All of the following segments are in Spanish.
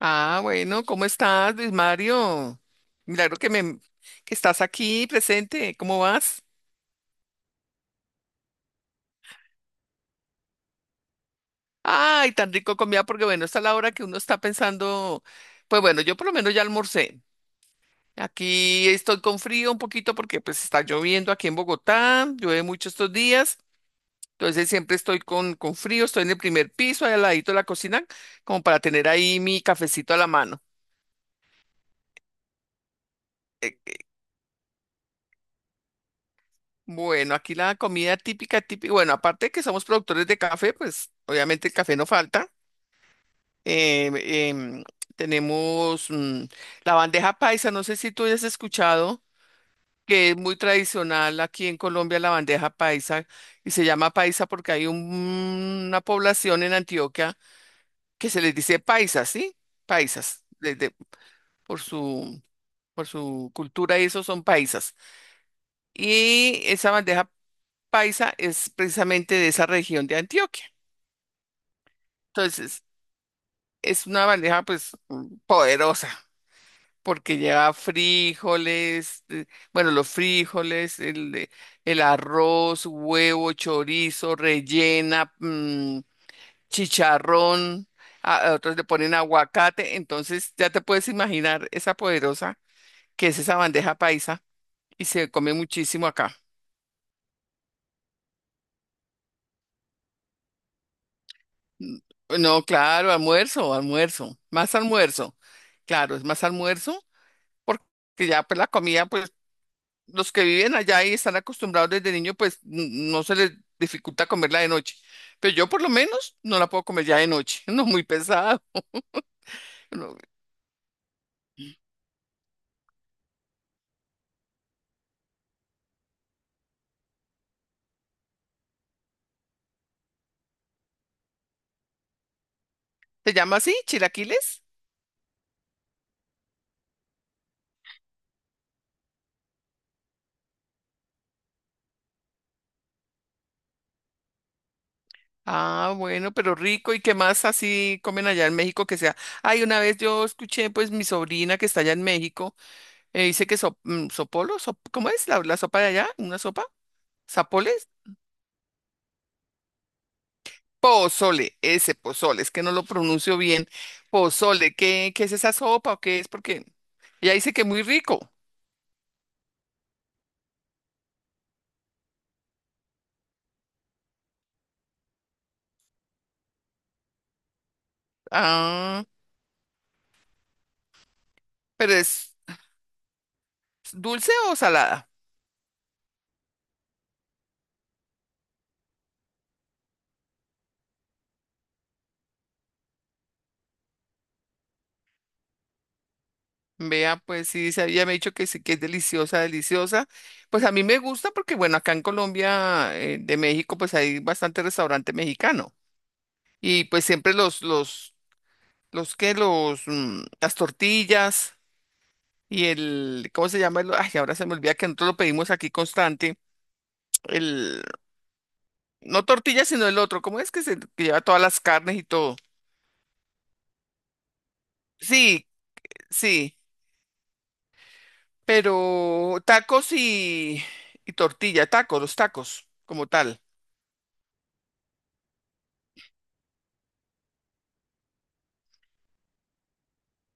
Ah, bueno, ¿cómo estás, Luis Mario? Milagro que me que estás aquí presente. ¿Cómo vas? Ay, tan rico comida porque bueno, está la hora que uno está pensando, pues bueno, yo por lo menos ya almorcé. Aquí estoy con frío un poquito porque pues está lloviendo aquí en Bogotá, llueve mucho estos días, entonces siempre estoy con frío, estoy en el primer piso, ahí al ladito de la cocina, como para tener ahí mi cafecito a la mano. Bueno, aquí la comida típica, típica, bueno, aparte de que somos productores de café, pues obviamente el café no falta. Eh, em, tenemos la bandeja paisa, no sé si tú hayas escuchado, que es muy tradicional aquí en Colombia la bandeja paisa y se llama paisa porque hay una población en Antioquia que se les dice paisas, ¿sí? Paisas, desde, por su, por su cultura y eso son paisas. Y esa bandeja paisa es precisamente de esa región de Antioquia. Entonces, es una bandeja pues poderosa porque lleva frijoles, bueno, los frijoles, el arroz, huevo, chorizo, rellena, chicharrón, a otros le ponen aguacate, entonces ya te puedes imaginar esa poderosa que es esa bandeja paisa y se come muchísimo acá. No, claro, almuerzo, almuerzo, más almuerzo. Claro, es más almuerzo porque ya pues la comida, pues los que viven allá y están acostumbrados desde niño, pues no se les dificulta comerla de noche. Pero yo por lo menos no la puedo comer ya de noche, no muy pesado. No, ¿se llama así, chilaquiles? Ah, bueno, pero rico. ¿Y qué más así comen allá en México que sea? Ay, una vez yo escuché, pues mi sobrina que está allá en México, dice que ¿cómo es la sopa de allá? ¿Una sopa? ¿Zapoles? Pozole, ese pozole, es que no lo pronuncio bien. Pozole, ¿qué, qué es esa sopa o qué es? Porque ella dice que muy rico. Ah, pero ¿es dulce o salada? Vea, pues sí, se había dicho que sí, que es deliciosa, deliciosa. Pues a mí me gusta porque, bueno, acá en Colombia, de México, pues hay bastante restaurante mexicano. Y pues siempre los que, las tortillas y el, ¿cómo se llama? Ay, ahora se me olvida que nosotros lo pedimos aquí constante el, no tortilla, sino el otro. ¿Cómo es que se que lleva todas las carnes y todo? Sí, sí, pero tacos y tortilla, tacos, los tacos, como tal.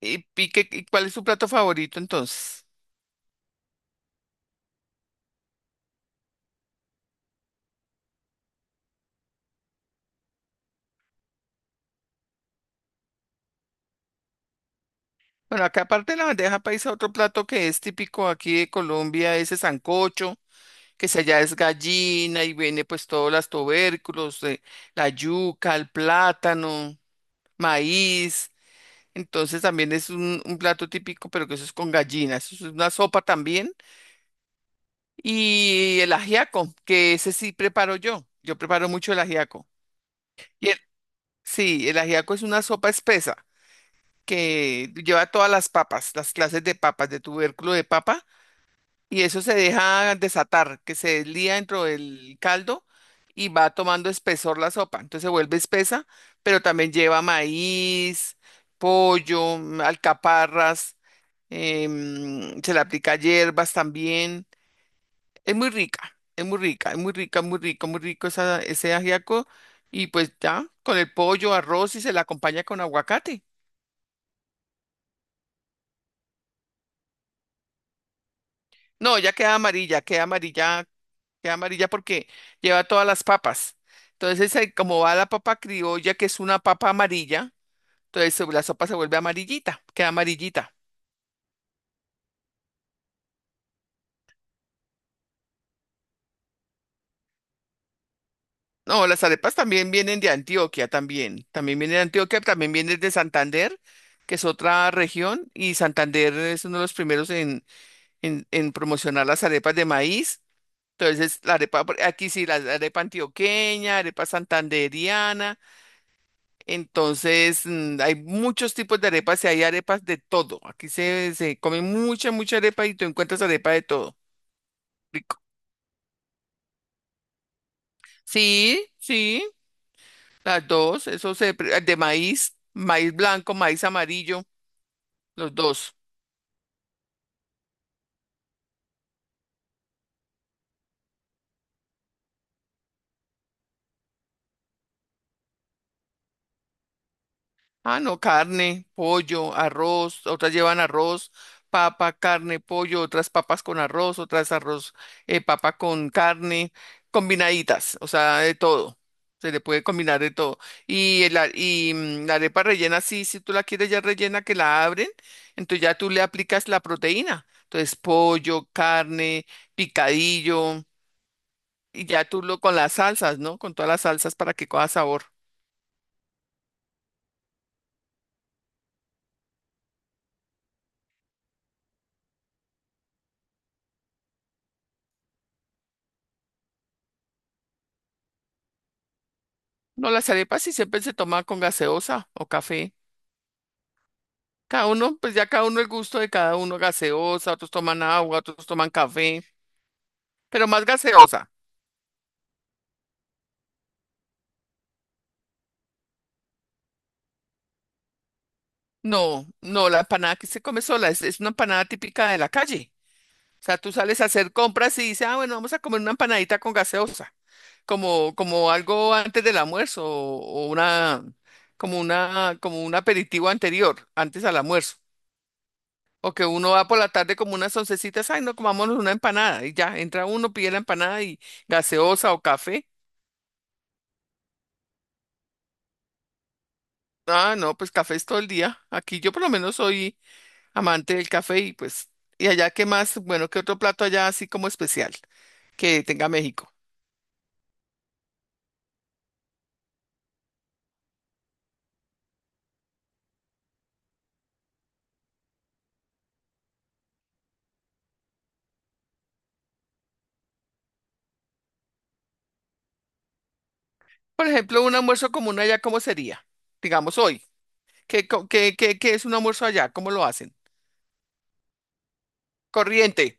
Y qué- y cuál es su plato favorito entonces? Bueno, acá aparte de la bandeja paisa, otro plato que es típico aquí de Colombia es el sancocho, que se allá es gallina y viene pues todos los tubérculos, la yuca, el plátano, maíz. Entonces también es un plato típico, pero que eso es con gallina. Eso es una sopa también. Y el ajiaco, que ese sí preparo yo. Yo preparo mucho el ajiaco. Y el- sí, el ajiaco es una sopa espesa que lleva todas las papas, las clases de papas, de tubérculo de papa. Y eso se deja desatar, que se deslía dentro del caldo y va tomando espesor la sopa. Entonces se vuelve espesa, pero también lleva maíz, pollo, alcaparras. Se le aplica hierbas también. Es muy rica, es muy rica, es muy rica, muy rico ese ajiaco. Y pues ya, con el pollo, arroz y se la acompaña con aguacate. No, ya queda amarilla, queda amarilla, queda amarilla porque lleva todas las papas. Entonces, ahí como va la papa criolla, que es una papa amarilla, entonces la sopa se vuelve amarillita, queda amarillita. No, las arepas también vienen de Antioquia, también. También vienen de Antioquia, también vienen de Santander, que es otra región, y Santander es uno de los primeros en promocionar las arepas de maíz. Entonces, aquí sí, la arepa antioqueña, arepa santanderiana. Entonces, hay muchos tipos de arepas y hay arepas de todo. Aquí se come mucha, mucha arepa y tú encuentras arepa de todo. Rico. Sí, sí. Las dos, eso de maíz, maíz blanco, maíz amarillo, los dos. Ah, no, carne, pollo, arroz, otras llevan arroz, papa, carne, pollo, otras papas con arroz, otras arroz, papa con carne, combinaditas, o sea, de todo. Se le puede combinar de todo. Y, y la arepa rellena, sí, si tú la quieres ya rellena, que la abren, entonces ya tú le aplicas la proteína. Entonces, pollo, carne, picadillo. Y ya tú lo con las salsas, ¿no? Con todas las salsas para que coja sabor. No, las arepas sí siempre se toman con gaseosa o café. Cada uno, pues ya cada uno el gusto de cada uno, gaseosa, otros toman agua, otros toman café, pero más gaseosa. No, no, la empanada que se come sola es una empanada típica de la calle. O sea, tú sales a hacer compras y dices, ah, bueno, vamos a comer una empanadita con gaseosa, como, como algo antes del almuerzo o una, como un aperitivo anterior, antes al almuerzo. O que uno va por la tarde como unas oncecitas, ay, no, comámonos una empanada y ya, entra uno, pide la empanada y gaseosa o café. Ah, no, pues café es todo el día. Aquí yo por lo menos soy amante del café y pues, y allá qué más, bueno, qué otro plato allá así como especial que tenga México. Por ejemplo, un almuerzo común allá, ¿cómo sería? Digamos hoy, ¿qué, co- qué, qué, qué es un almuerzo allá? ¿Cómo lo hacen? Corriente,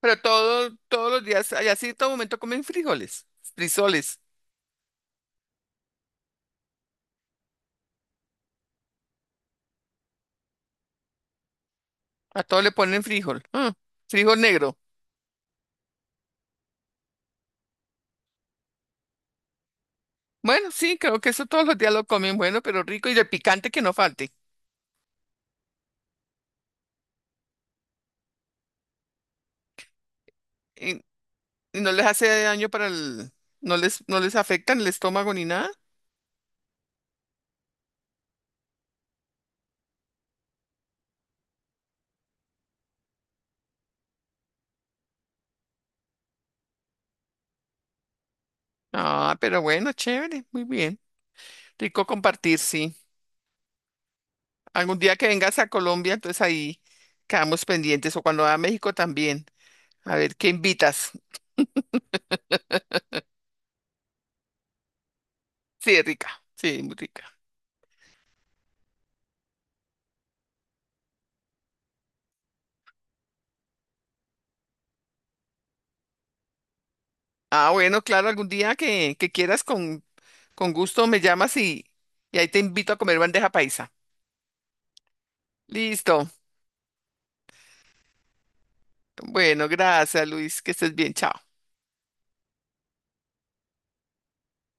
pero todo, todos los días, allá sí, todo momento comen frijoles, frisoles, a todo le ponen frijol, ah, frijol negro. Bueno, sí, creo que eso todos los días lo comen bueno, pero rico y de picante que no falte. Y, y no les hace daño para el, no les afecta en el estómago ni nada. Ah, pero bueno, chévere, muy bien. Rico compartir, sí. Algún día que vengas a Colombia, entonces ahí quedamos pendientes, o cuando va a México también. A ver, ¿qué invitas? Sí, rica, sí, muy rica. Ah, bueno, claro, algún día que quieras con gusto me llamas y ahí te invito a comer bandeja paisa. Listo. Bueno, gracias, Luis, que estés bien, chao.